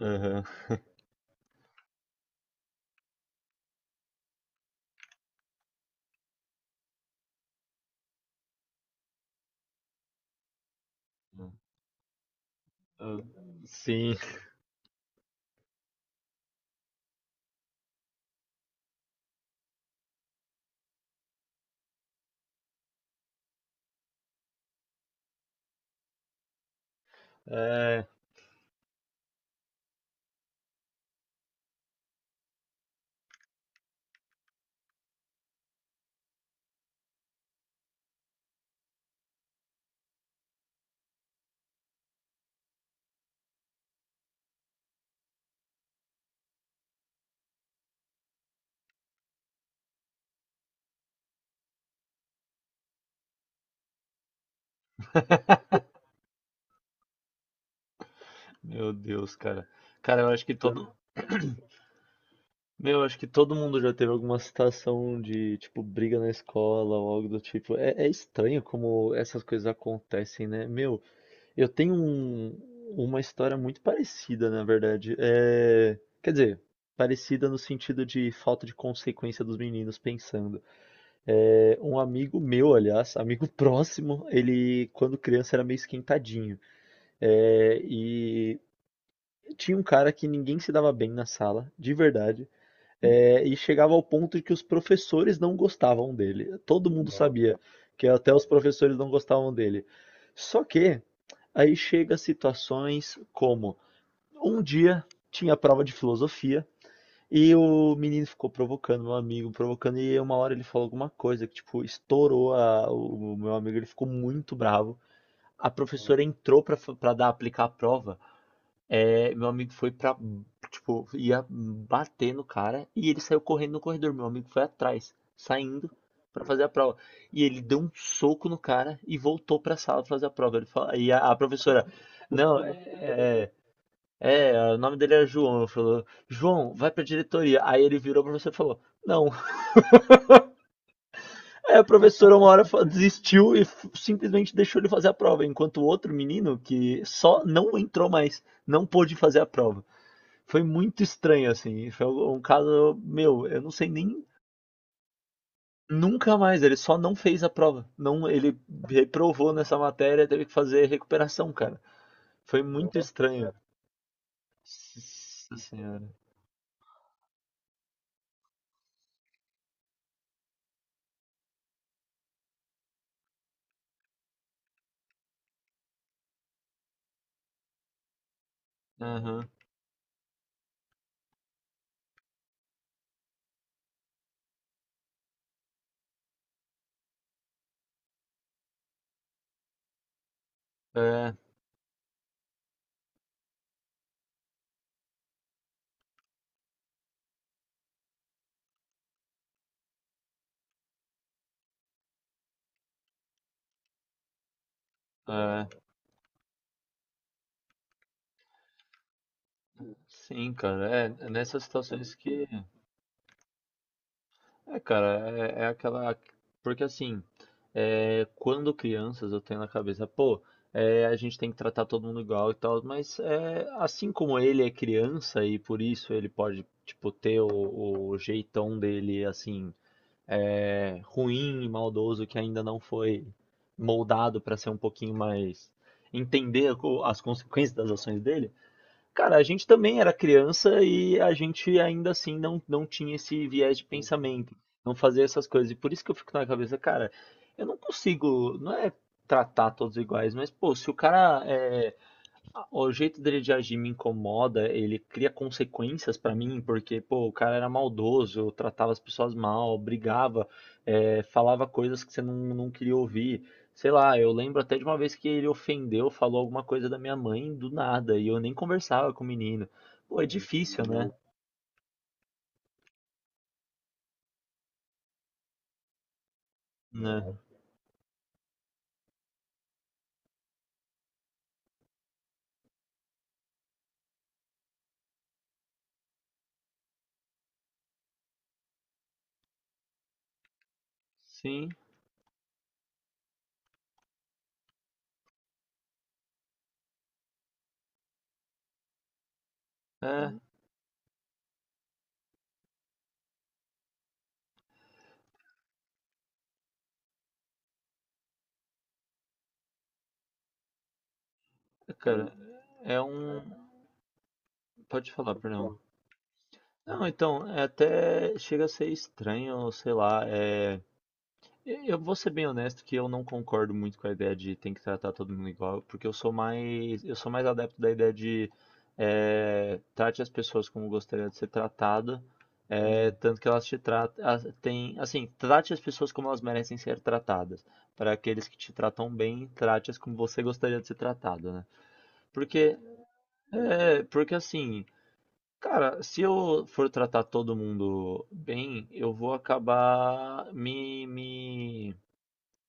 Aham. Ah, sim. É, meu Deus, cara. Cara, eu acho que todo, meu, eu acho que todo mundo já teve alguma situação de, tipo, briga na escola ou algo do tipo. É, é estranho como essas coisas acontecem, né? Meu, eu tenho um- uma história muito parecida, na verdade. É, quer dizer, parecida no sentido de falta de consequência dos meninos pensando. É, um amigo meu, aliás, amigo próximo, ele, quando criança, era meio esquentadinho. É, e tinha um cara que ninguém se dava bem na sala, de verdade. É, e chegava ao ponto de que os professores não gostavam dele. Todo mundo Nossa. Sabia que até os professores não gostavam dele. Só que aí chega situações como um dia tinha prova de filosofia e o menino ficou provocando meu amigo, provocando e uma hora ele falou alguma coisa que tipo o meu amigo, ele ficou muito bravo. A professora entrou para dar aplicar a prova é, meu amigo foi pra, tipo, ia bater no cara e ele saiu correndo no corredor. Meu amigo foi atrás, saindo pra fazer a prova. E ele deu um soco no cara e voltou pra sala pra fazer a prova. Ele fala, e a professora, não, é, o nome dele era João. Falou, João, vai pra diretoria. Aí ele virou pra você e falou, não. Aí a professora uma hora desistiu e simplesmente deixou ele fazer a prova, enquanto o outro menino que só não entrou mais, não pôde fazer a prova. Foi muito estranho, assim. Foi um caso, meu, eu não sei nem. Nunca mais, ele só não fez a prova. Não, ele reprovou nessa matéria, teve que fazer recuperação, cara. Foi muito estranho. Nossa senhora. Aham. É, é. Sim, cara. É é nessas situações que. É, cara, é, é aquela. Porque assim, é, quando crianças eu tenho na cabeça, pô, é, a gente tem que tratar todo mundo igual e tal, mas é, assim como ele é criança e por isso ele pode, tipo, ter o jeitão dele, assim, é, ruim e maldoso que ainda não foi moldado pra ser um pouquinho mais. Entender as consequências das ações dele. Cara, a gente também era criança e a gente ainda assim não tinha esse viés de pensamento, não fazia essas coisas. E por isso que eu fico na cabeça, cara, eu não consigo, não é tratar todos iguais, mas pô, se o cara é, o jeito dele de agir me incomoda, ele cria consequências pra mim, porque, pô, o cara era maldoso, tratava as pessoas mal, brigava, falava coisas que você não queria ouvir. Sei lá, eu lembro até de uma vez que ele ofendeu, falou alguma coisa da minha mãe do nada, e eu nem conversava com o menino. Pô, é difícil, né? Né? Sim, é, cara, é um. Pode falar, perdão. Não, então, é até chega a ser estranho, sei lá, é. Eu vou ser bem honesto que eu não concordo muito com a ideia de tem que tratar todo mundo igual, porque eu sou mais adepto da ideia de trate as pessoas como gostaria de ser tratada, entendi. Tanto que elas te tratam, tem, assim, trate as pessoas como elas merecem ser tratadas. Para aqueles que te tratam bem, trate-as como você gostaria de ser tratado, né? Porque, é, porque assim, cara, se eu for tratar todo mundo bem, eu vou acabar me, me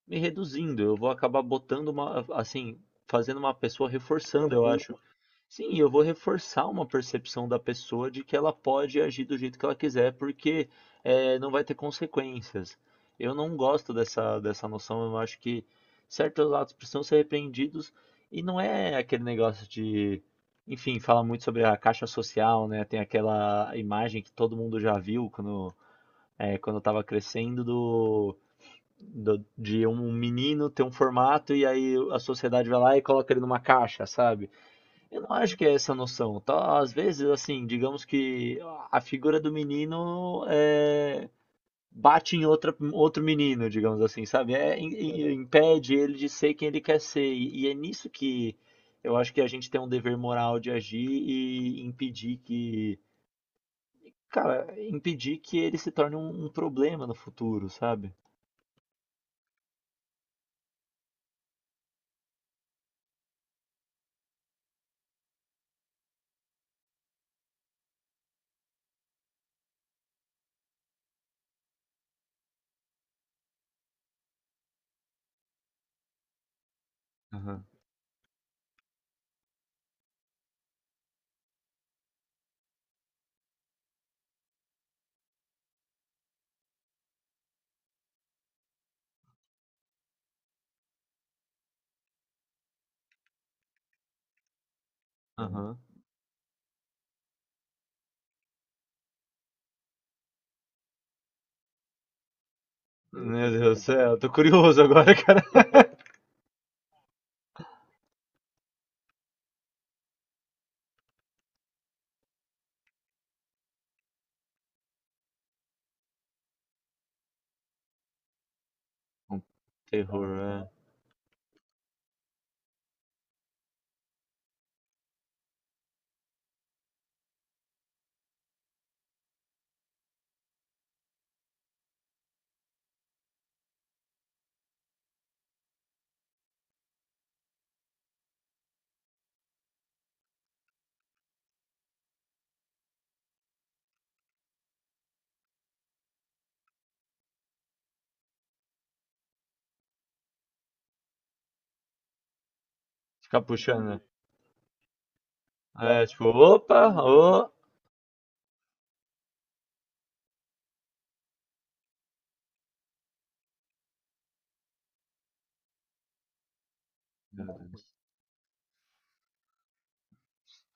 me reduzindo, eu vou acabar botando uma, assim, fazendo uma pessoa reforçando, eu acho. Sim, eu vou reforçar uma percepção da pessoa de que ela pode agir do jeito que ela quiser, porque não vai ter consequências. Eu não gosto dessa noção, eu acho que certos atos precisam ser repreendidos e não é aquele negócio de. Enfim, fala muito sobre a caixa social, né? Tem aquela imagem que todo mundo já viu quando, quando eu tava crescendo do de um menino ter um formato e aí a sociedade vai lá e coloca ele numa caixa, sabe? Eu não acho que é essa a noção. Tá? Às vezes, assim, digamos que a figura do menino é, bate em outra, outro menino, digamos assim, sabe? É, impede ele de ser quem ele quer ser. E é nisso que eu acho que a gente tem um dever moral de agir e impedir que, cara, impedir que ele se torne um, um problema no futuro, sabe? Aham, aham. Meu Deus do céu, tô curioso agora, cara. Um terror, né? Ficar puxando, né? É, tipo, opa, ô.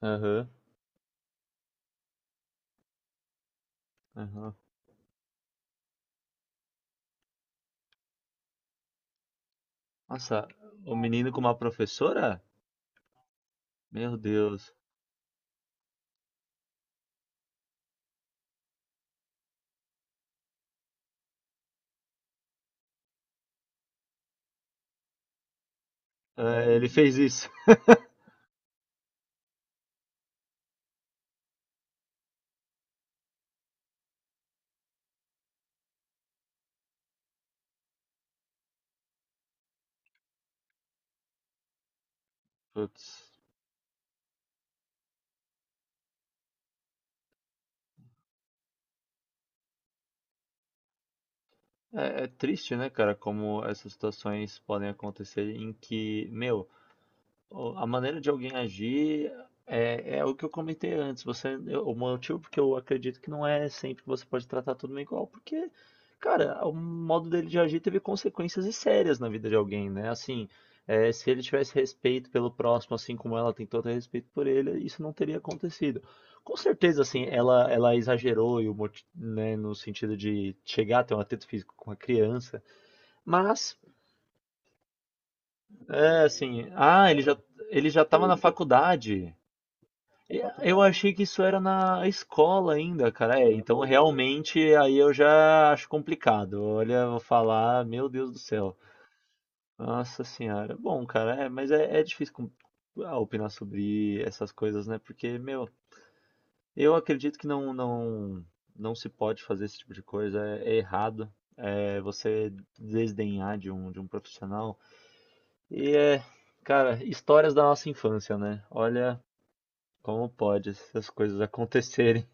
Aham, aham. Nossa, o menino com uma professora? Meu Deus. É, ele fez isso. Putz. É, é triste, né, cara, como essas situações podem acontecer em que, meu, a maneira de alguém agir é, é o que eu comentei antes. Você, o motivo porque eu acredito que não é sempre que você pode tratar todo mundo igual, porque, cara, o modo dele de agir teve consequências e sérias na vida de alguém, né? Assim, é, se ele tivesse respeito pelo próximo, assim como ela tentou ter respeito por ele, isso não teria acontecido. Com certeza, assim, ela exagerou e o né, no sentido de chegar a ter um atrito físico com a criança, mas, é assim, ah, ele já estava na faculdade. E eu achei que isso era na escola ainda, cara. É, então realmente aí eu já acho complicado. Olha, eu vou falar, meu Deus do céu. Nossa senhora. Bom, cara, é, mas é, é difícil ah, opinar sobre essas coisas, né? Porque, meu, eu acredito que não se pode fazer esse tipo de coisa. É, é errado. É você desdenhar de um profissional. E é, cara, histórias da nossa infância, né? Olha como pode essas coisas acontecerem.